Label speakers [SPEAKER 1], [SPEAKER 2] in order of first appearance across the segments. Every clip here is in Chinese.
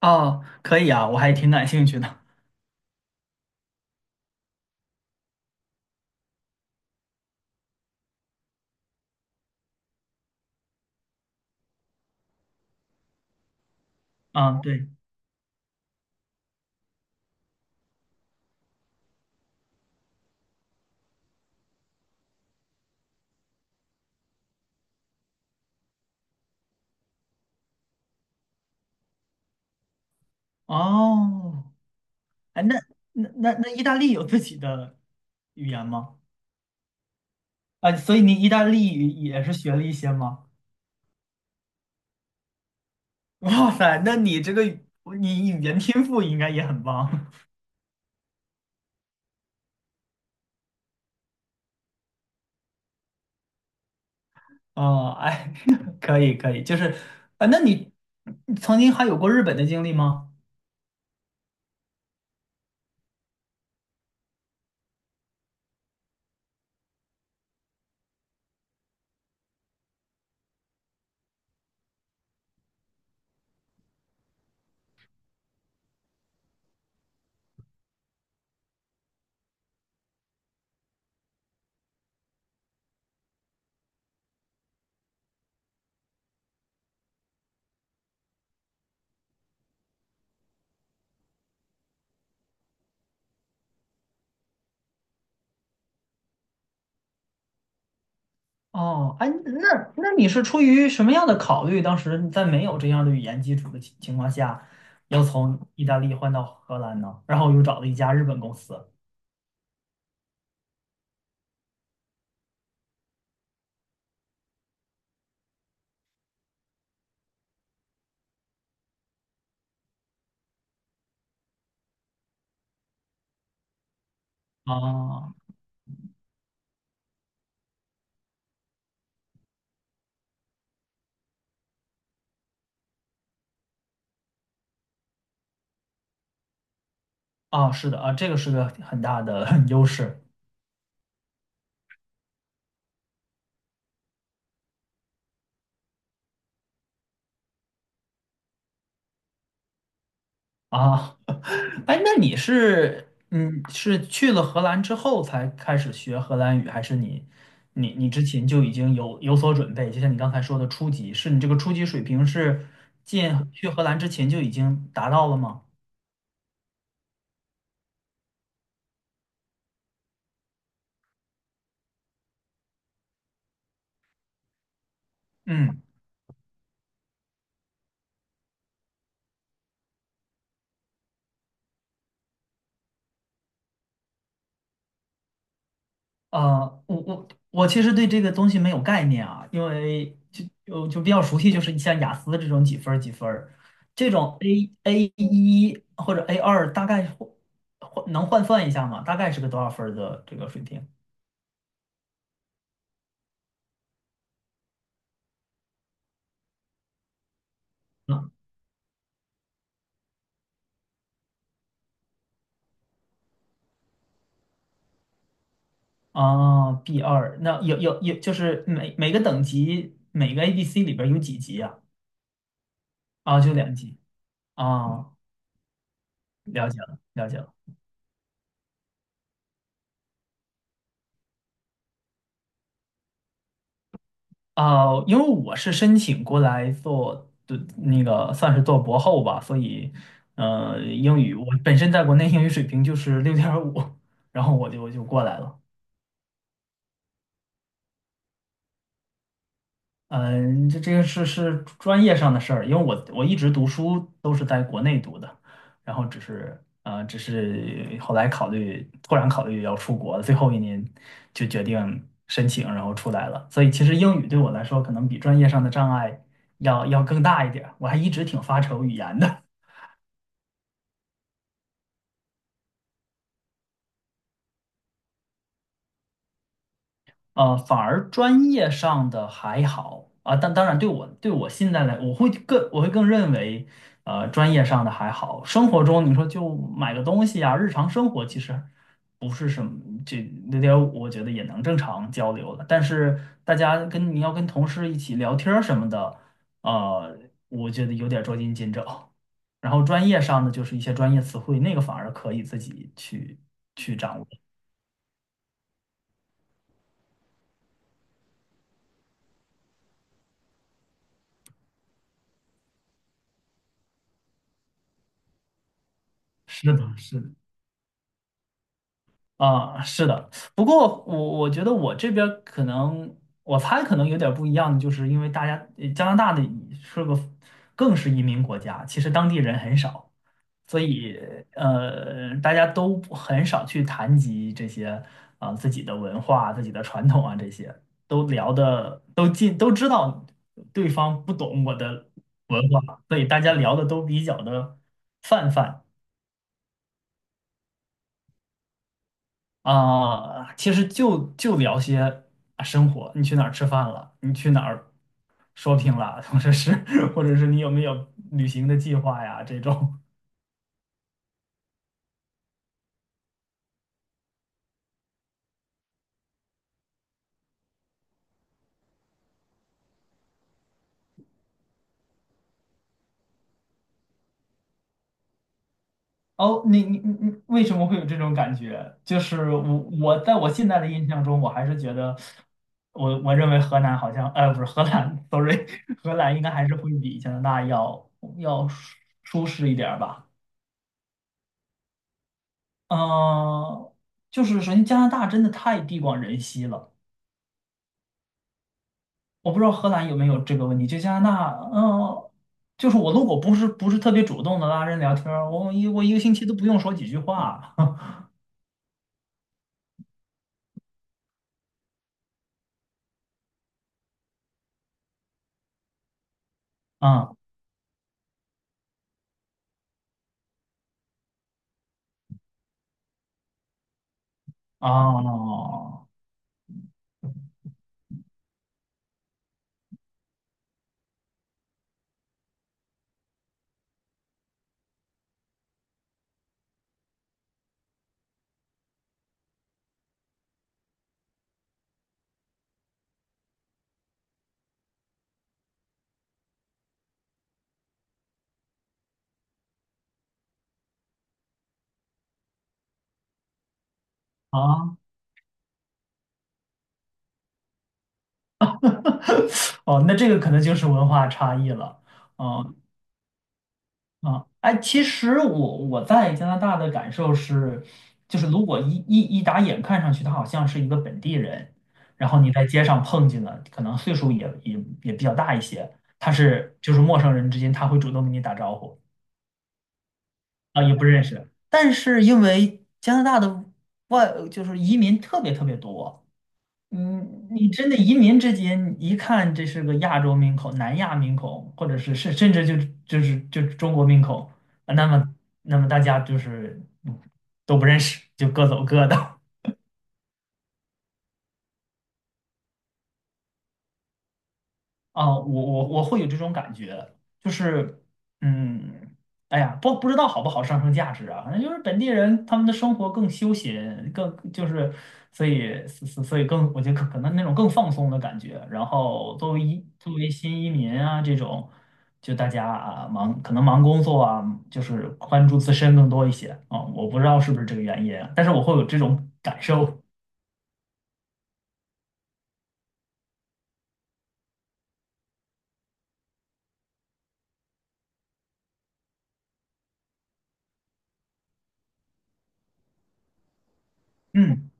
[SPEAKER 1] 哦，可以啊，我还挺感兴趣的。啊，对。哦，哎，那意大利有自己的语言吗？啊，所以你意大利语也是学了一些吗？哇塞，那你这个语你语言天赋应该也很棒。哦，哎，可以可以，就是啊，那你曾经还有过日本的经历吗？哦，哎，那你是出于什么样的考虑？当时在没有这样的语言基础的情况下，要从意大利换到荷兰呢？然后又找了一家日本公司。啊啊，是的啊，这个是个很大的 优势啊。哎，那你是是去了荷兰之后才开始学荷兰语，还是你之前就已经有所准备？就像你刚才说的初级，是你这个初级水平是进去荷兰之前就已经达到了吗？嗯。我其实对这个东西没有概念啊，因为就比较熟悉，就是像雅思这种几分儿几分儿这种 A A 一或者 A2，大概换能换算一下吗？大概是个多少分儿的这个水平？嗯啊，B2，那有，就是每个等级每个 A B C 里边儿有几级啊？啊，就两级。啊，了解了，了解了。啊、因为我是申请过来做的那个算是做博后吧，所以英语我本身在国内英语水平就是6.5，然后我就过来了。嗯，这个是专业上的事儿，因为我一直读书都是在国内读的，然后只是后来考虑，突然考虑要出国，最后一年就决定申请，然后出来了。所以其实英语对我来说，可能比专业上的障碍要更大一点儿，我还一直挺发愁语言的。反而专业上的还好啊，但当然对我现在来，我会更认为，专业上的还好。生活中你说就买个东西啊，日常生活其实不是什么，这那点五，我觉得也能正常交流了。但是大家跟你要跟同事一起聊天儿什么的，呃，我觉得有点捉襟见肘。然后专业上的就是一些专业词汇，那个反而可以自己去掌握。是的，是的。啊，是的，不过我觉得我这边儿可能，我猜可能有点儿不一样的，就是因为大家加拿大的是个更是移民国家，其实当地人很少，所以大家都不很少去谈及这些啊、自己的文化、自己的传统啊这些，都聊的都尽都知道对方不懂我的文化，所以大家聊的都比较的泛泛。啊，其实就聊些啊生活，你去哪儿吃饭了？你去哪儿 shopping 了？或者是你有没有旅行的计划呀？这种。哦，你为什么会有这种感觉？就是我在我现在的印象中，我还是觉得我认为河南好像，不是河南 s o r r y 荷兰应该还是会比加拿大要舒适一点儿吧。嗯、就是首先加拿大真的太地广人稀了。我不知道荷兰有没有这个问题，就加拿大，就是我如果不是特别主动的拉人聊天儿我一个星期都不用说几句话，啊。哦。啊。 哦，那这个可能就是文化差异了。哦，啊，哎，其实我在加拿大的感受是，就是如果一打眼看上去他好像是一个本地人，然后你在街上碰见了，可能岁数也比较大一些，就是陌生人之间他会主动跟你打招呼。啊，也不认识。但是因为加拿大的就是移民特别特别多，你真的移民之间，你一看这是个亚洲面孔、南亚面孔，或者是甚至就是中国面孔，啊那么大家就是都不认识，就各走各的。啊，我会有这种感觉，就是，嗯，哎呀，不知道好不好上升价值啊，反正就是本地人他们的生活更休闲，更就是，所以更，我觉得可能那种更放松的感觉。然后作为新移民啊这种，就大家啊可能忙工作啊，就是关注自身更多一些啊，我不知道是不是这个原因啊，但是我会有这种感受。嗯，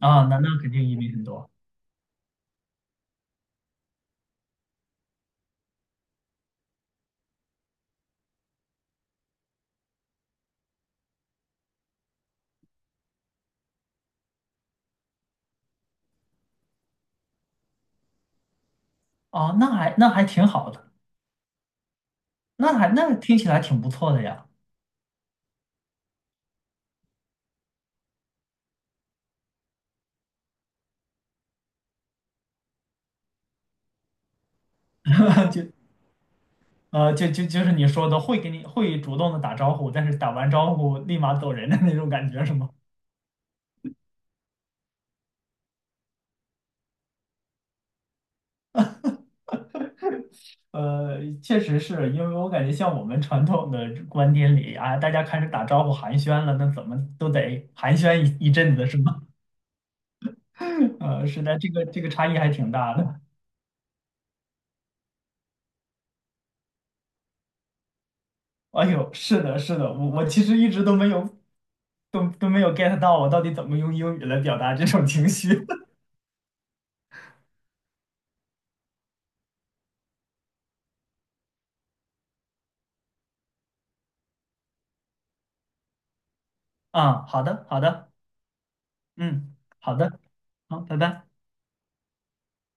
[SPEAKER 1] 啊，那肯定移民很多啊。那还挺好的。那听起来挺不错的呀，就就是你说的会给你会主动的打招呼，但是打完招呼立马走人的那种感觉是吗？确实是因为我感觉像我们传统的观点里啊，大家开始打招呼寒暄了，那怎么都得寒暄一阵子是吗？是的，这个差异还挺大的。哎呦，是的，是的，我其实一直都没有 get 到我到底怎么用英语来表达这种情绪。 啊。好的，好的。嗯，好的，好，拜拜。